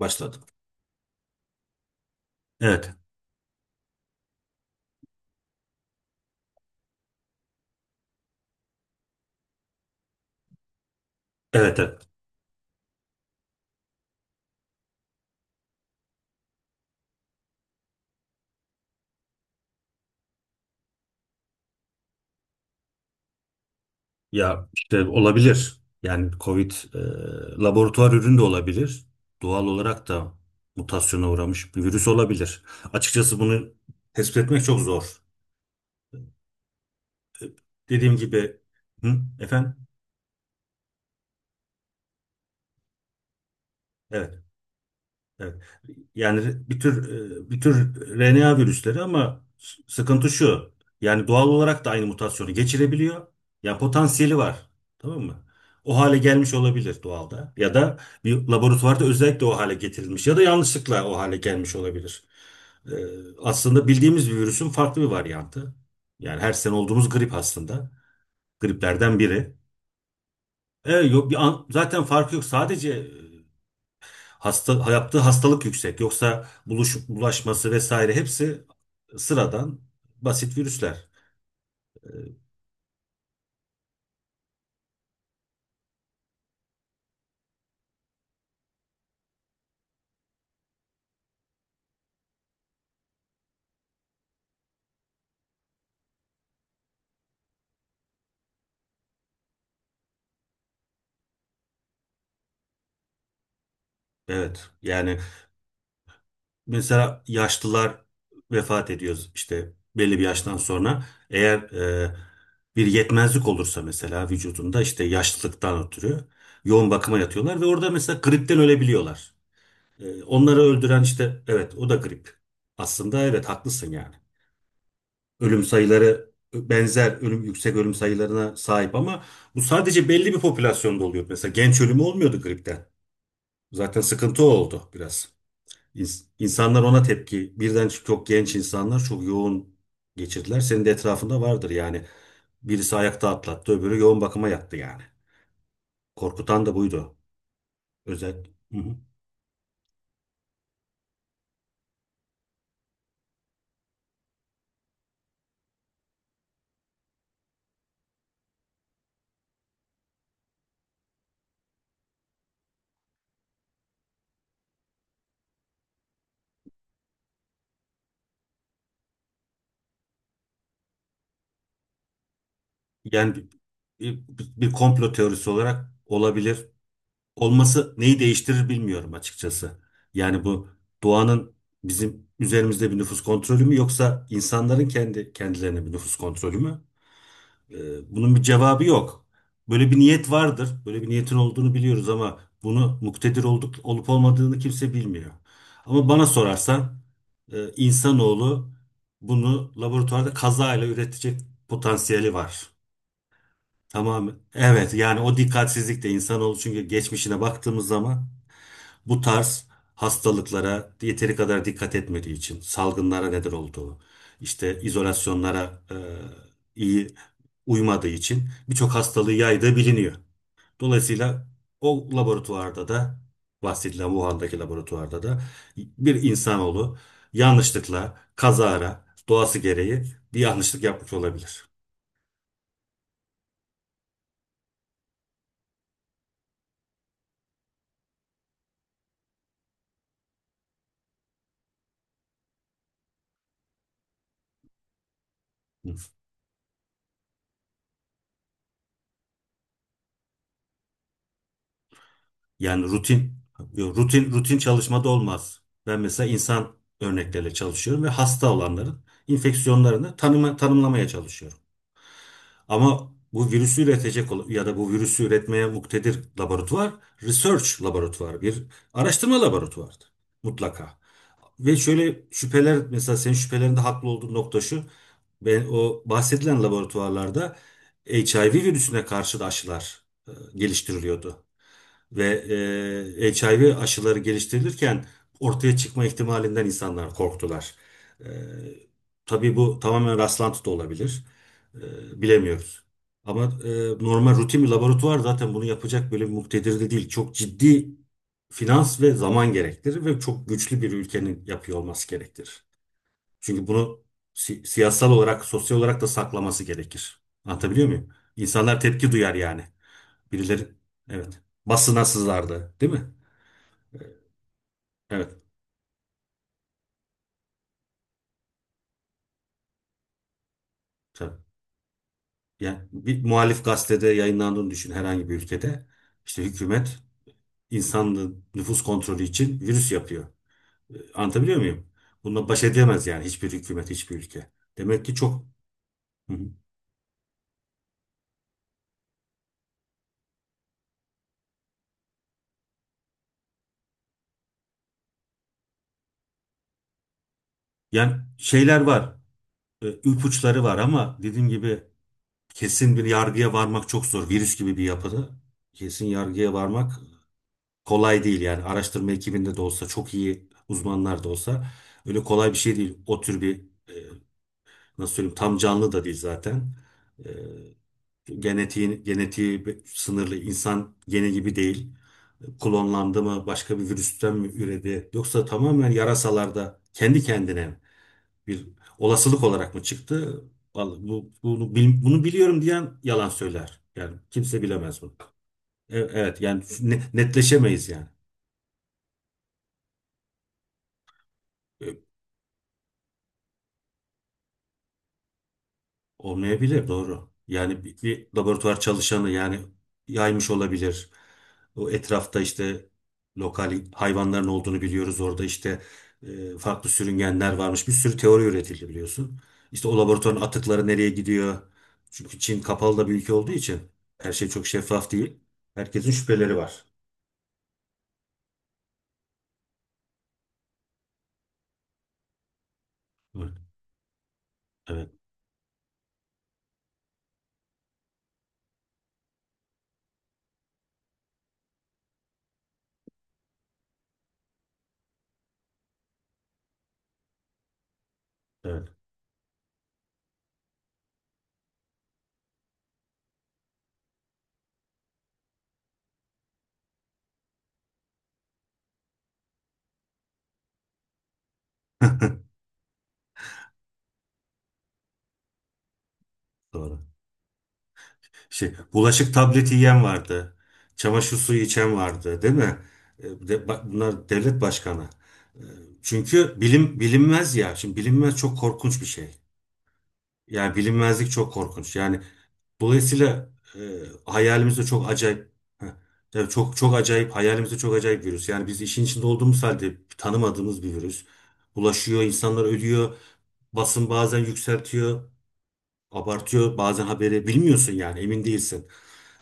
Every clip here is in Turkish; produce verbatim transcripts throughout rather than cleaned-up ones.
Başladı. Evet, evet, evet. Ya işte olabilir. Yani Covid e, laboratuvar ürünü de olabilir. Doğal olarak da mutasyona uğramış bir virüs olabilir. Açıkçası bunu tespit etmek çok zor. Dediğim gibi, hı, efendim? Evet. Evet. Yani bir tür e, bir tür R N A virüsleri ama s- sıkıntı şu. Yani doğal olarak da aynı mutasyonu geçirebiliyor. Yani potansiyeli var. Tamam mı? O hale gelmiş olabilir doğalda. Ya da bir laboratuvarda özellikle o hale getirilmiş. Ya da yanlışlıkla o hale gelmiş olabilir. Ee, aslında bildiğimiz bir virüsün farklı bir varyantı. Yani her sene olduğumuz grip aslında. Griplerden biri. E, yok bir an- zaten farkı yok. Sadece e, Hasta, yaptığı hastalık yüksek. Yoksa buluş, bulaşması vesaire hepsi sıradan basit virüsler. Evet. Yani mesela yaşlılar vefat ediyor işte belli bir yaştan sonra. Eğer e, bir yetmezlik olursa mesela vücudunda işte yaşlılıktan ötürü yoğun bakıma yatıyorlar ve orada mesela gripten ölebiliyorlar. E, onları öldüren işte evet o da grip. Aslında evet haklısın yani. Ölüm sayıları benzer ölüm yüksek ölüm sayılarına sahip ama bu sadece belli bir popülasyonda oluyor. Mesela genç ölümü olmuyordu gripten. Zaten sıkıntı o oldu biraz. İns- İnsanlar ona tepki. Birden çok genç insanlar çok yoğun geçirdiler. Senin de etrafında vardır yani. Birisi ayakta atlattı, öbürü yoğun bakıma yattı yani. Korkutan da buydu. Özel. Hı hı. Yani bir, bir komplo teorisi olarak olabilir. Olması neyi değiştirir bilmiyorum açıkçası. Yani bu doğanın bizim üzerimizde bir nüfus kontrolü mü yoksa insanların kendi kendilerine bir nüfus kontrolü mü? Ee, bunun bir cevabı yok. Böyle bir niyet vardır. Böyle bir niyetin olduğunu biliyoruz ama bunu muktedir olduk, olup olmadığını kimse bilmiyor. Ama bana sorarsan e, insanoğlu bunu laboratuvarda kazayla üretecek potansiyeli var. Tamam. Evet yani o dikkatsizlik de insanoğlu çünkü geçmişine baktığımız zaman bu tarz hastalıklara yeteri kadar dikkat etmediği için salgınlara neden olduğu, işte izolasyonlara e, iyi uymadığı için birçok hastalığı yaydığı biliniyor. Dolayısıyla o laboratuvarda da bahsedilen Wuhan'daki laboratuvarda da bir insanoğlu yanlışlıkla kazara doğası gereği bir yanlışlık yapmış olabilir. Yani rutin rutin rutin çalışmada olmaz. Ben mesela insan örnekleriyle çalışıyorum ve hasta olanların enfeksiyonlarını tanıma, tanımlamaya çalışıyorum. Ama bu virüsü üretecek olan- ya da bu virüsü üretmeye muktedir laboratuvar, research laboratuvarı, bir araştırma laboratuvarıdır mutlaka. Ve şöyle şüpheler mesela senin şüphelerinde haklı olduğun nokta şu. Ben o bahsedilen laboratuvarlarda H I V virüsüne karşı da aşılar e, geliştiriliyordu. Ve e, H I V aşıları geliştirilirken ortaya çıkma ihtimalinden insanlar korktular. E, tabii bu tamamen rastlantı da olabilir. E, bilemiyoruz. Ama e, normal rutin bir laboratuvar zaten bunu yapacak böyle bir muktedir de değil. Çok ciddi finans ve zaman gerektirir ve çok güçlü bir ülkenin yapıyor olması gerektirir. Çünkü bunu si- siyasal olarak, sosyal olarak da saklaması gerekir. Anlatabiliyor muyum? İnsanlar tepki duyar yani. Birileri evet basına sızardı değil mi? Evet. Tabii. Yani bir muhalif gazetede yayınlandığını düşün herhangi bir ülkede. İşte hükümet insanlığın nüfus kontrolü için virüs yapıyor. E, Anlatabiliyor muyum? Bununla baş edemez yani hiçbir hükümet, hiçbir ülke. Demek ki çok. Hı hı. Yani şeyler var. E, ipuçları var ama dediğim gibi kesin bir yargıya varmak çok zor. Virüs gibi bir yapıda kesin yargıya varmak kolay değil yani araştırma ekibinde de olsa çok iyi uzmanlar da olsa öyle kolay bir şey değil. O tür bir e, nasıl söyleyeyim tam canlı da değil zaten. E, genetiği, genetiği bir- sınırlı insan gene gibi değil. Klonlandı mı başka bir virüsten mi üredi yoksa tamamen yarasalarda kendi kendine bir olasılık olarak mı çıktı? Vallahi bu, bunu, bil- bunu biliyorum diyen yalan söyler. Yani kimse bilemez bunu. E- Evet yani ne- netleşemeyiz yani. E, Olmayabilir doğru. Yani bir, bir laboratuvar çalışanı yani yaymış olabilir. O etrafta işte lokal hayvanların olduğunu biliyoruz. Orada işte e, farklı sürüngenler varmış. Bir sürü teori üretildi biliyorsun. İşte o laboratuvarın atıkları nereye gidiyor? Çünkü Çin kapalı da bir ülke olduğu için her şey çok şeffaf değil. Herkesin şüpheleri var. Evet, evet, evet, doğru. Şey, bulaşık tableti yiyen vardı. Çamaşır suyu içen vardı, değil mi? E, de- ba- bunlar devlet başkanı. E, Çünkü bilim bilinmez ya. Şimdi bilinmez çok korkunç bir şey. Yani bilinmezlik çok korkunç. Yani dolayısıyla e, hayalimizde çok acayip. Heh, tabii çok çok acayip hayalimizde çok acayip virüs. Yani biz işin içinde olduğumuz halde tanımadığımız bir virüs. Bulaşıyor, insanlar ölüyor. Basın bazen yükseltiyor abartıyor bazen haberi bilmiyorsun yani emin değilsin.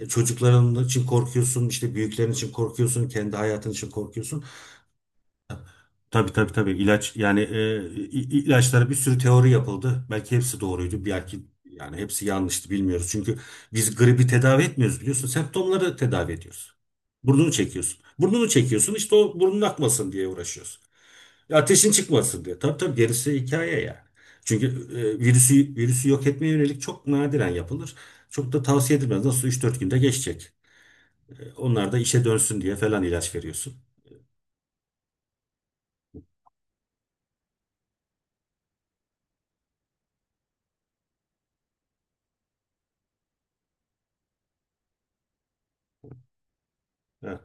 E, Çocukların için korkuyorsun, işte büyüklerin için korkuyorsun, kendi hayatın için korkuyorsun. Tabii tabii tabii ilaç yani e, i- ilaçlara bir sürü teori yapıldı. Belki hepsi doğruydu, belki yani hepsi yanlıştı bilmiyoruz. Çünkü biz gribi tedavi etmiyoruz biliyorsun. Semptomları tedavi ediyoruz. Burnunu çekiyorsun. Burnunu çekiyorsun işte o burnun akmasın diye uğraşıyorsun. Ateşin çıkmasın diyor. Tabii tabii gerisi hikaye yani. Çünkü e, virüsü virüsü yok etmeye yönelik çok nadiren yapılır. Çok da tavsiye edilmez. Nasıl üç dört günde geçecek. E, onlar da işe dönsün diye falan ilaç veriyorsun. Evet.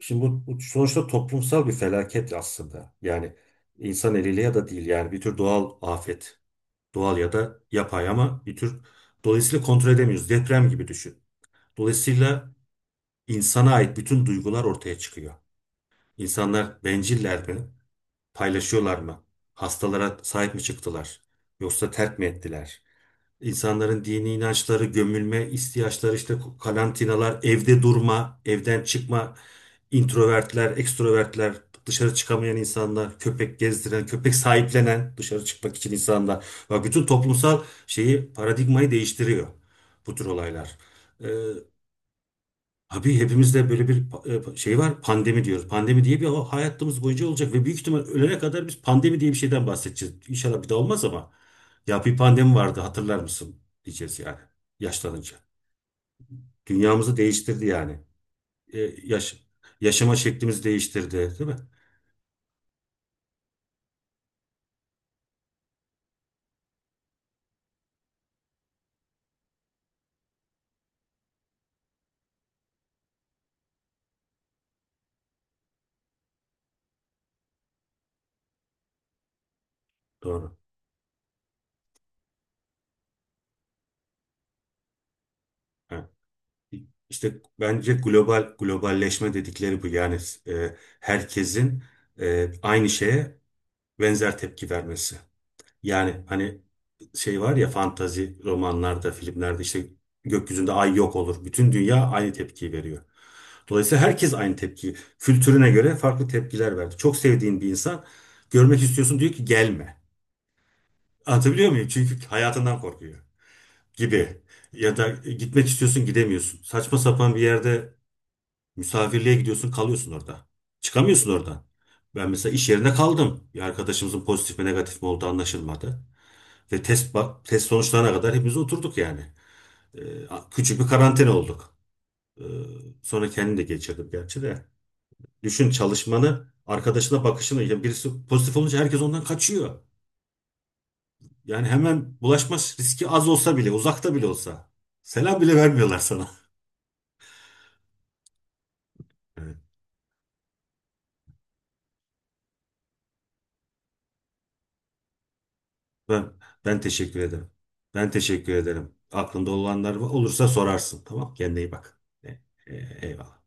Şimdi bu, bu sonuçta toplumsal bir felaket aslında. Yani insan eliyle ya da değil yani bir tür doğal afet. Doğal ya da yapay ama bir tür dolayısıyla kontrol edemiyoruz. Deprem gibi düşün. Dolayısıyla insana ait bütün duygular ortaya çıkıyor. İnsanlar benciller mi? Paylaşıyorlar mı? Hastalara sahip mi çıktılar? Yoksa terk mi ettiler? İnsanların dini inançları, gömülme ihtiyaçları, işte karantinalar, evde durma, evden çıkma, introvertler, ekstrovertler, dışarı çıkamayan insanlar, köpek gezdiren, köpek sahiplenen, dışarı çıkmak için insanlar. Bak bütün toplumsal şeyi, paradigmayı değiştiriyor bu tür olaylar. Ee, Abi hepimizde böyle bir pa- e, şey var pandemi diyoruz. Pandemi diye bir ha- hayatımız boyunca olacak ve büyük ihtimal ölene kadar biz pandemi diye bir şeyden bahsedeceğiz. İnşallah bir daha olmaz ama ya bir pandemi vardı hatırlar mısın diyeceğiz yani yaşlanınca. Dünyamızı değiştirdi yani. E, yaş, yaşama şeklimizi değiştirdi değil mi? Doğru. Ha. İşte bence global globalleşme dedikleri bu yani e, herkesin e, aynı şeye benzer tepki vermesi. Yani hani şey var ya fantazi romanlarda, filmlerde işte gökyüzünde ay yok olur. Bütün dünya aynı tepkiyi veriyor. Dolayısıyla herkes aynı tepkiyi. Kültürüne göre farklı tepkiler verdi. Çok sevdiğin bir insan görmek istiyorsun diyor ki gelme. Anlatabiliyor muyum? Çünkü hayatından korkuyor gibi. Ya da "E, gitmek istiyorsun gidemiyorsun. Saçma sapan bir yerde misafirliğe gidiyorsun kalıyorsun orada. Çıkamıyorsun oradan. Ben mesela iş yerinde kaldım. Bir arkadaşımızın pozitif mi negatif mi olduğu anlaşılmadı. Ve test bak test sonuçlarına kadar hepimiz oturduk yani. Ee, küçük bir karantina olduk. Ee, sonra kendim de geçirdim gerçi de. Düşün çalışmanı, arkadaşına bakışını. Yani birisi pozitif olunca herkes ondan kaçıyor. Yani hemen bulaşma riski az olsa bile, uzakta bile olsa. Selam bile vermiyorlar sana. Evet. Ben ben teşekkür ederim. Ben teşekkür ederim. Aklında olanlar olursa sorarsın. Tamam, kendine iyi bak. E, e, eyvallah.